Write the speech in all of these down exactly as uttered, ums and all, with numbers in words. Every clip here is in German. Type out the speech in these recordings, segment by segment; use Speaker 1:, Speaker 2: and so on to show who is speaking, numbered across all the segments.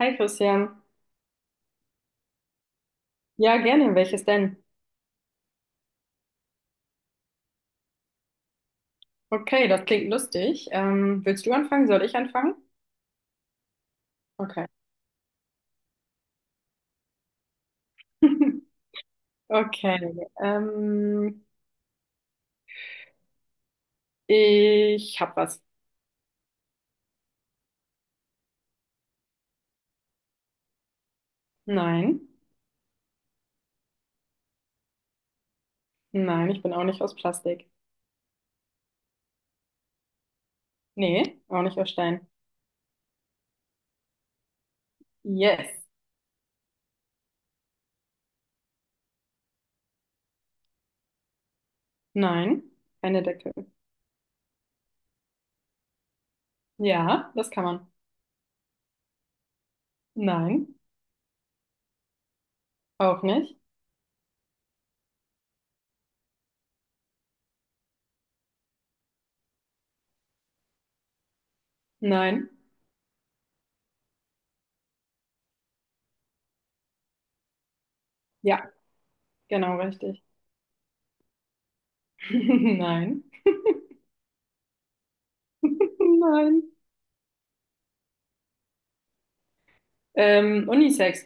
Speaker 1: Hi Christian. Ja, gerne. Welches denn? Okay, das klingt lustig. Ähm, willst du anfangen? Soll ich anfangen? Okay. Okay. Ähm, Ich hab was. Nein. Nein, ich bin auch nicht aus Plastik. Nee, auch nicht aus Stein. Yes. Nein. Keine Decke. Ja, das kann man. Nein. Auch nicht. Nein. Ja, genau richtig. Nein. Nein. Ähm, Unisex.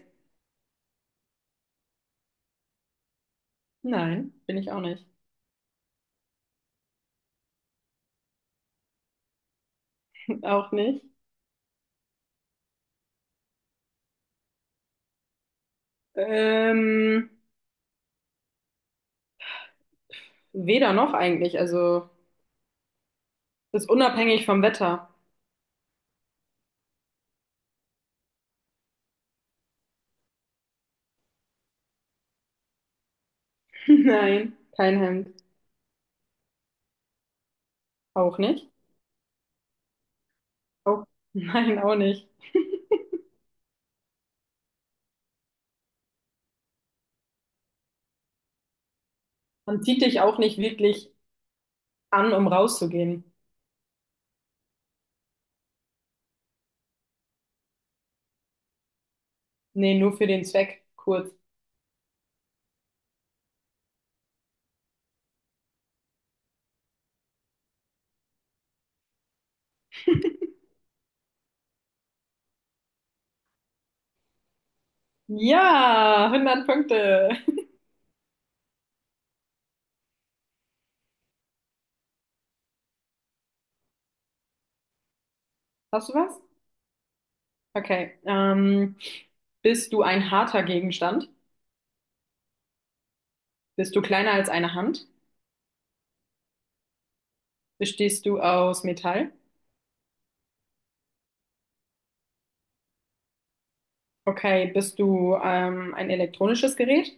Speaker 1: Nein, bin ich auch nicht. Auch nicht. Ähm, Weder noch eigentlich. Also, ist unabhängig vom Wetter. Nein, kein Hemd. Auch nicht? Auch. Nein, auch nicht. Man zieht dich auch nicht wirklich an, um rauszugehen. Nee, nur für den Zweck. Kurz. Ja, Hundert Punkte. Hast du was? Okay. Ähm, bist du ein harter Gegenstand? Bist du kleiner als eine Hand? Bestehst du aus Metall? Okay, bist du ähm, ein elektronisches Gerät?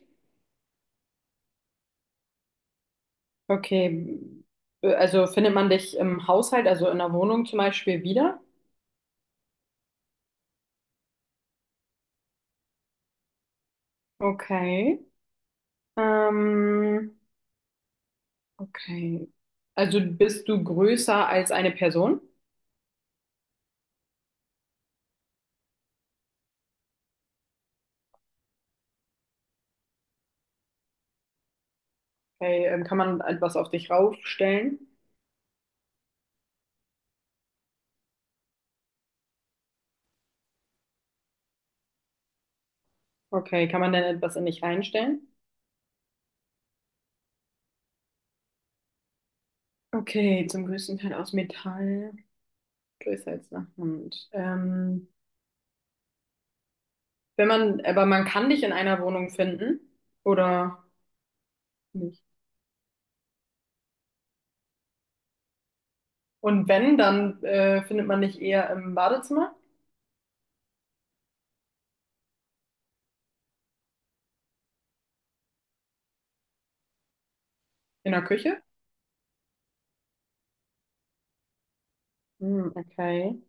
Speaker 1: Okay, Äh, also findet man dich im Haushalt, also in der Wohnung zum Beispiel wieder? Okay. Ähm, okay. Also bist du größer als eine Person? Okay, ähm, kann man etwas auf dich raufstellen? Okay, kann man denn etwas in dich reinstellen? Okay, zum größten Teil aus Metall, größer als eine Hand. Ähm, wenn man, aber man kann dich in einer Wohnung finden oder nicht? Und wenn, dann äh, findet man dich eher im Badezimmer, in der Küche? Hm, okay.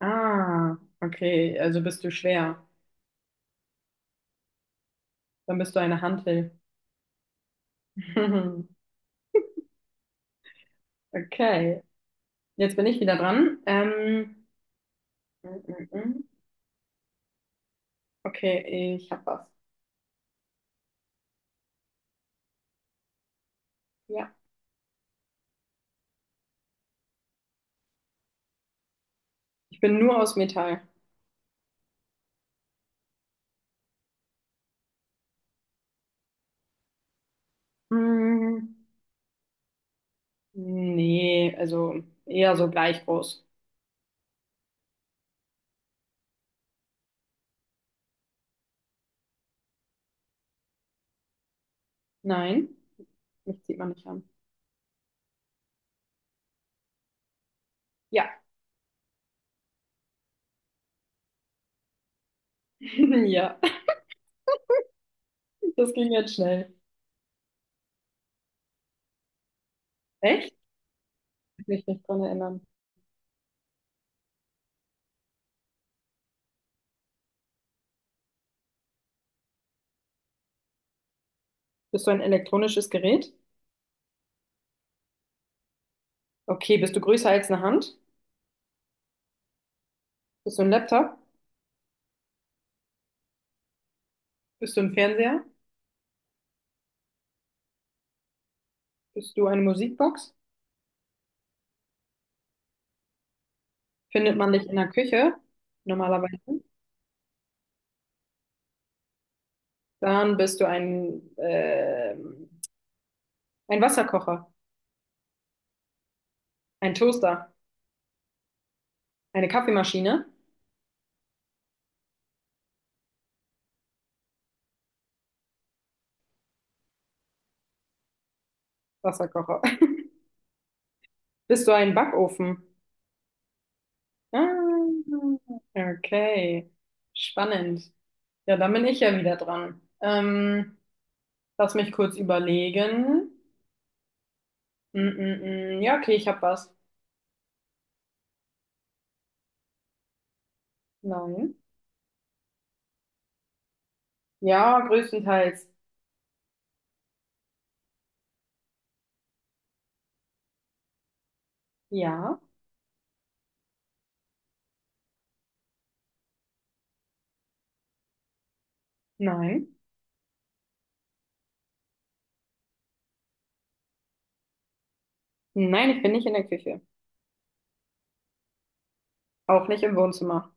Speaker 1: Ah, okay. Also bist du schwer. Dann bist du eine Hantel. Okay. Jetzt bin ich wieder dran. Ähm, mm, mm, mm. Okay, ich hab was. Ja. Ich bin nur aus Metall. Hm, nee, also eher so gleich groß. Nein, mich zieht man nicht an. Ja, ja. Das ging jetzt schnell. Echt? Ich kann mich nicht dran erinnern. Bist du ein elektronisches Gerät? Okay, bist du größer als eine Hand? Bist du ein Laptop? Bist du ein Fernseher? Bist du eine Musikbox? Findet man dich in der Küche normalerweise? Dann bist du ein, ähm, ein Wasserkocher, ein Toaster, eine Kaffeemaschine, Wasserkocher. Bist du ein Backofen? Ah, okay, spannend. Ja, dann bin ich ja wieder dran. Ähm, lass mich kurz überlegen. Mm, mm, mm. Ja, okay, ich habe was. Nein. Ja, größtenteils. Ja. Nein. Nein, ich bin nicht in der Küche. Auch nicht im Wohnzimmer.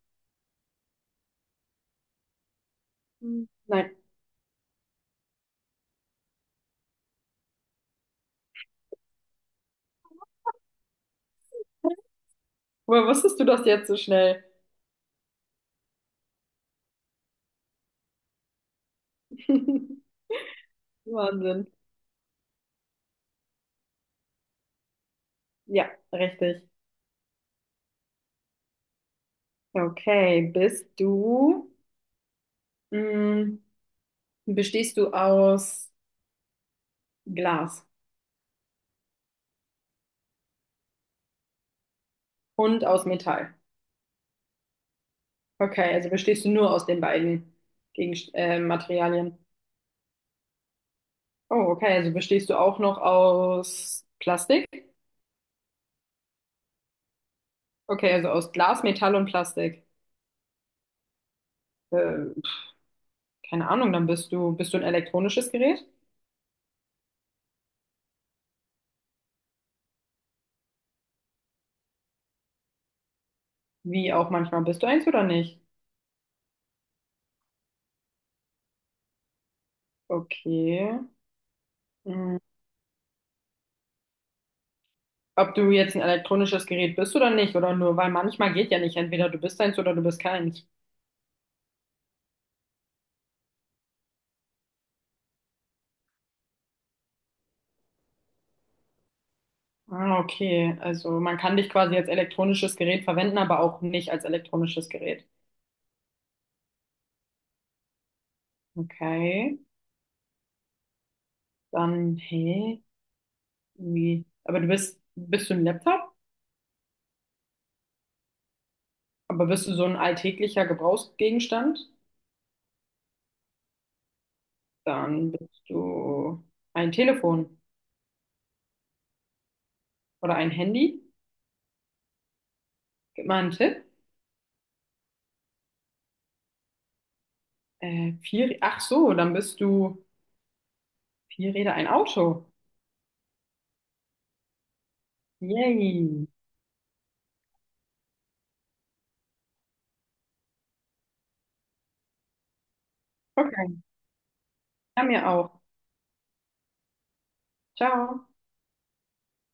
Speaker 1: Hm, nein. Woher wusstest du das jetzt so schnell? Wahnsinn. Ja, richtig. Okay, bist du, mh, bestehst du aus Glas und aus Metall? Okay, also bestehst du nur aus den beiden Gegenst äh, Materialien. Oh, okay, also bestehst du auch noch aus Plastik? Okay, also aus Glas, Metall und Plastik. Äh, Keine Ahnung, dann bist du, bist du ein elektronisches Gerät? Wie auch manchmal bist du eins oder nicht? Okay. Mm, ob du jetzt ein elektronisches Gerät bist oder nicht, oder nur, weil manchmal geht ja nicht, entweder du bist eins oder du bist keins. Ah, okay, also man kann dich quasi als elektronisches Gerät verwenden, aber auch nicht als elektronisches Gerät. Okay, dann, hey, wie? Aber du bist, bist du ein Laptop? Aber bist du so ein alltäglicher Gebrauchsgegenstand? Dann bist du ein Telefon oder ein Handy. Gib mal einen Tipp. Äh, vier, ach so, dann bist du vier Räder ein Auto. Yay. Okay. Ja, mir auch. Ciao.